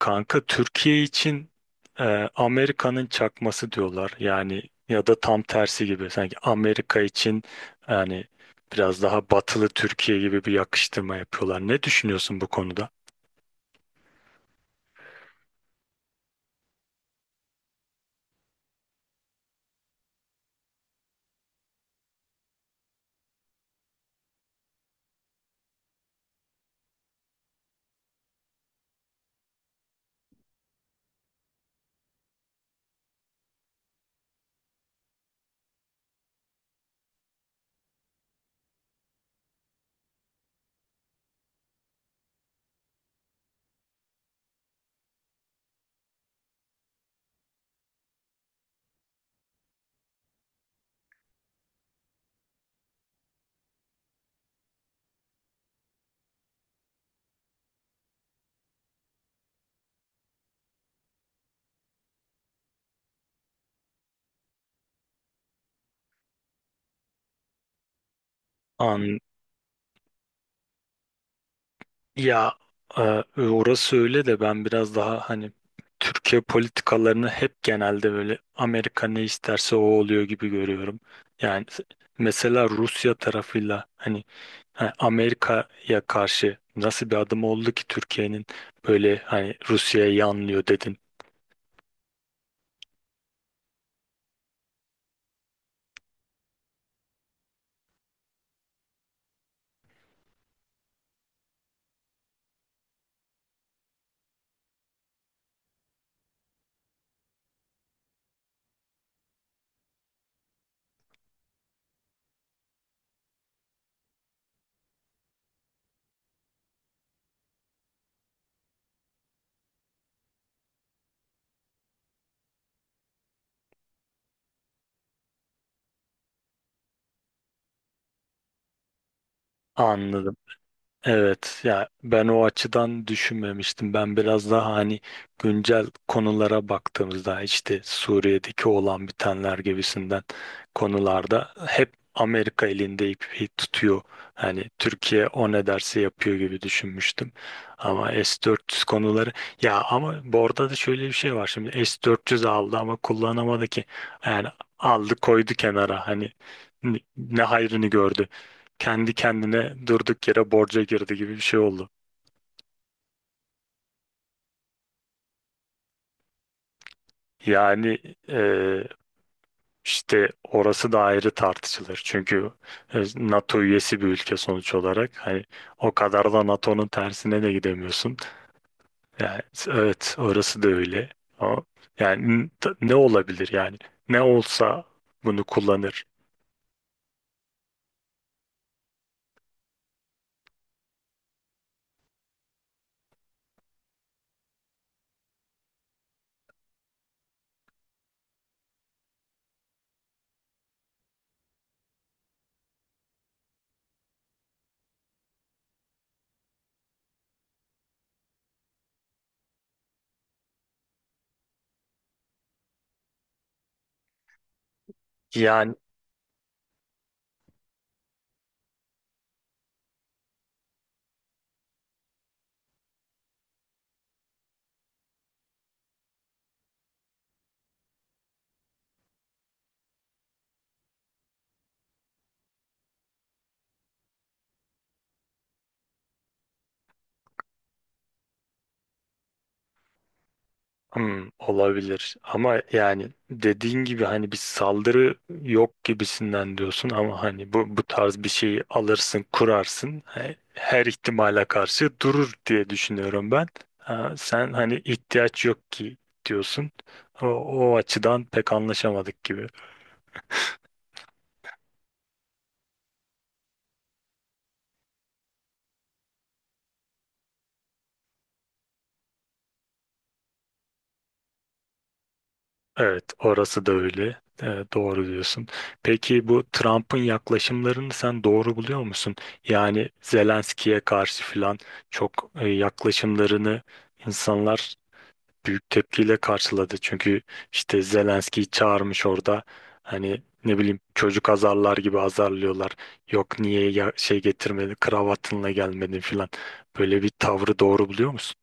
Kanka Türkiye için e, Amerika'nın çakması diyorlar. Yani ya da tam tersi gibi. Sanki Amerika için yani biraz daha batılı Türkiye gibi bir yakıştırma yapıyorlar. Ne düşünüyorsun bu konuda? An ya e, Orası öyle de ben biraz daha hani Türkiye politikalarını hep genelde böyle Amerika ne isterse o oluyor gibi görüyorum. Yani s- Mesela Rusya tarafıyla hani ha, Amerika'ya karşı nasıl bir adım oldu ki Türkiye'nin böyle hani Rusya'ya yanlıyor dedin. Anladım. Evet ya, ben o açıdan düşünmemiştim. Ben biraz daha hani güncel konulara baktığımızda işte Suriye'deki olan bitenler gibisinden konularda hep Amerika elinde ipi tutuyor. Hani Türkiye o ne derse yapıyor gibi düşünmüştüm. Ama S-400 konuları, ya ama bu arada da şöyle bir şey var. Şimdi S-400 aldı ama kullanamadı ki. Yani aldı koydu kenara, hani ne hayrını gördü, kendi kendine durduk yere borca girdi gibi bir şey oldu. Yani e, işte orası da ayrı tartışılır. Çünkü NATO üyesi bir ülke sonuç olarak. Hani o kadar da NATO'nun tersine de gidemiyorsun. Yani evet, orası da öyle. Ama yani ne olabilir yani? Ne olsa bunu kullanır. Yani Hmm, olabilir ama yani dediğin gibi hani bir saldırı yok gibisinden diyorsun ama hani bu tarz bir şeyi alırsın kurarsın, her ihtimale karşı durur diye düşünüyorum ben. Ha, sen hani ihtiyaç yok ki diyorsun, o açıdan pek anlaşamadık gibi. Evet, orası da öyle. Doğru diyorsun. Peki bu Trump'ın yaklaşımlarını sen doğru buluyor musun? Yani Zelenski'ye karşı filan çok yaklaşımlarını insanlar büyük tepkiyle karşıladı. Çünkü işte Zelenski'yi çağırmış orada. Hani ne bileyim, çocuk azarlar gibi azarlıyorlar. Yok niye ya- şey getirmedi, kravatınla gelmedin filan. Böyle bir tavrı doğru buluyor musun?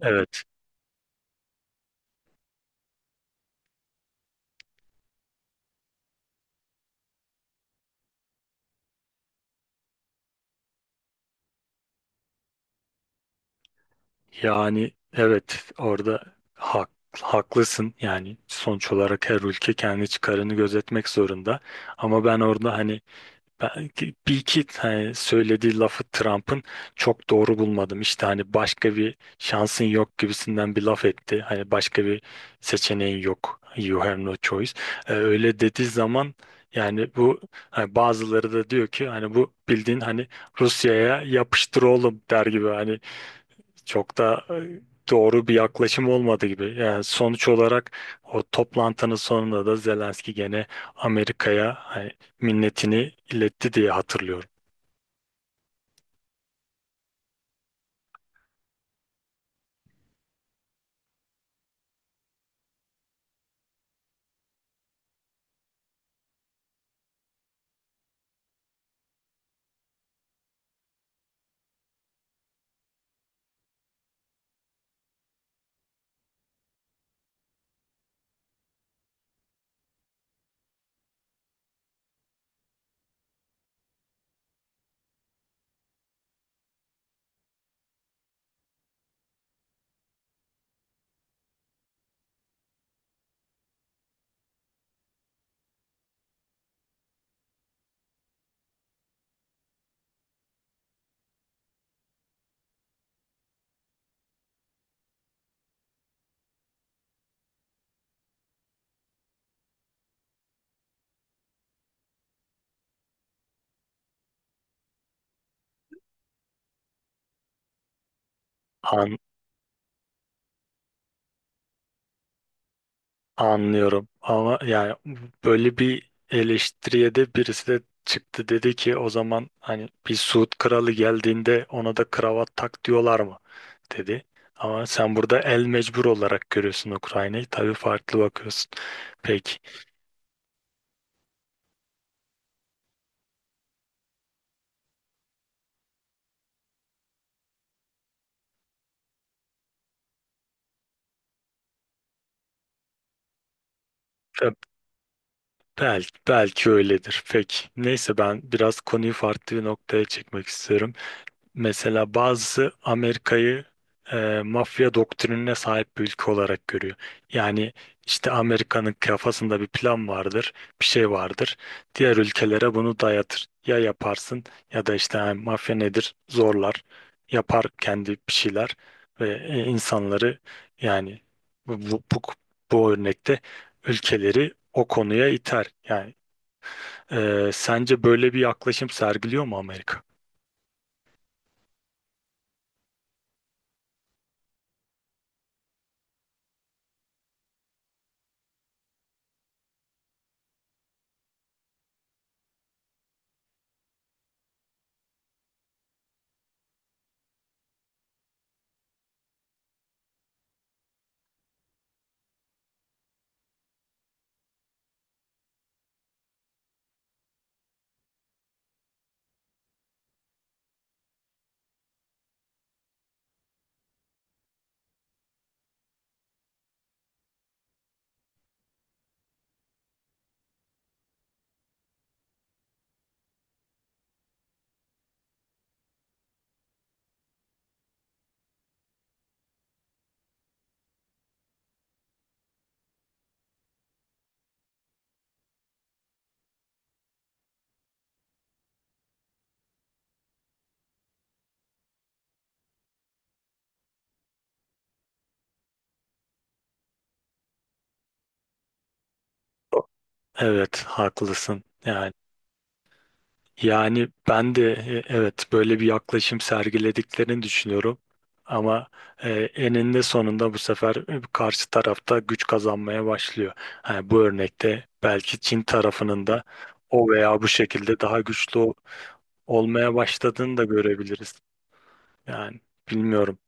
Evet. Yani evet orada hak, haklısın, yani sonuç olarak her ülke kendi çıkarını gözetmek zorunda ama ben orada hani belki bir iki hani söylediği lafı Trump'ın çok doğru bulmadım. İşte hani başka bir şansın yok gibisinden bir laf etti, hani başka bir seçeneğin yok, you have no choice. Öyle dediği zaman yani bu hani bazıları da diyor ki hani bu bildiğin hani Rusya'ya yapıştır oğlum der gibi, hani çok da doğru bir yaklaşım olmadı gibi. Yani sonuç olarak o toplantının sonunda da Zelenski gene Amerika'ya hani minnetini iletti diye hatırlıyorum. An Anlıyorum ama yani böyle bir eleştiriye de birisi de çıktı, dedi ki o zaman hani bir Suud kralı geldiğinde ona da kravat tak diyorlar mı dedi. Ama sen burada el mecbur olarak görüyorsun, Ukrayna'yı tabii farklı bakıyorsun. Peki Be- belki belki öyledir. Peki neyse, ben biraz konuyu farklı bir noktaya çekmek istiyorum. Mesela bazısı Amerika'yı mafya doktrinine sahip bir ülke olarak görüyor. Yani işte Amerika'nın kafasında bir plan vardır, bir şey vardır. Diğer ülkelere bunu dayatır. Ya yaparsın ya da işte hani mafya nedir? Zorlar. Yapar kendi bir şeyler ve insanları, yani bu, bu, bu, bu örnekte ülkeleri o konuya iter. Yani sence böyle bir yaklaşım sergiliyor mu Amerika? Evet, haklısın. Yani ben de evet böyle bir yaklaşım sergilediklerini düşünüyorum. Ama eninde sonunda bu sefer karşı tarafta güç kazanmaya başlıyor. Yani bu örnekte belki Çin tarafının da o veya bu şekilde daha güçlü olmaya başladığını da görebiliriz. Yani bilmiyorum.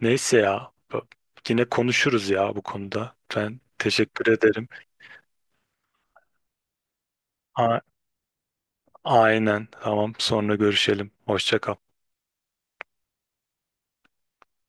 Neyse ya. Yine konuşuruz ya bu konuda. Ben teşekkür ederim. A- aynen. Tamam. Sonra görüşelim. Hoşça kal.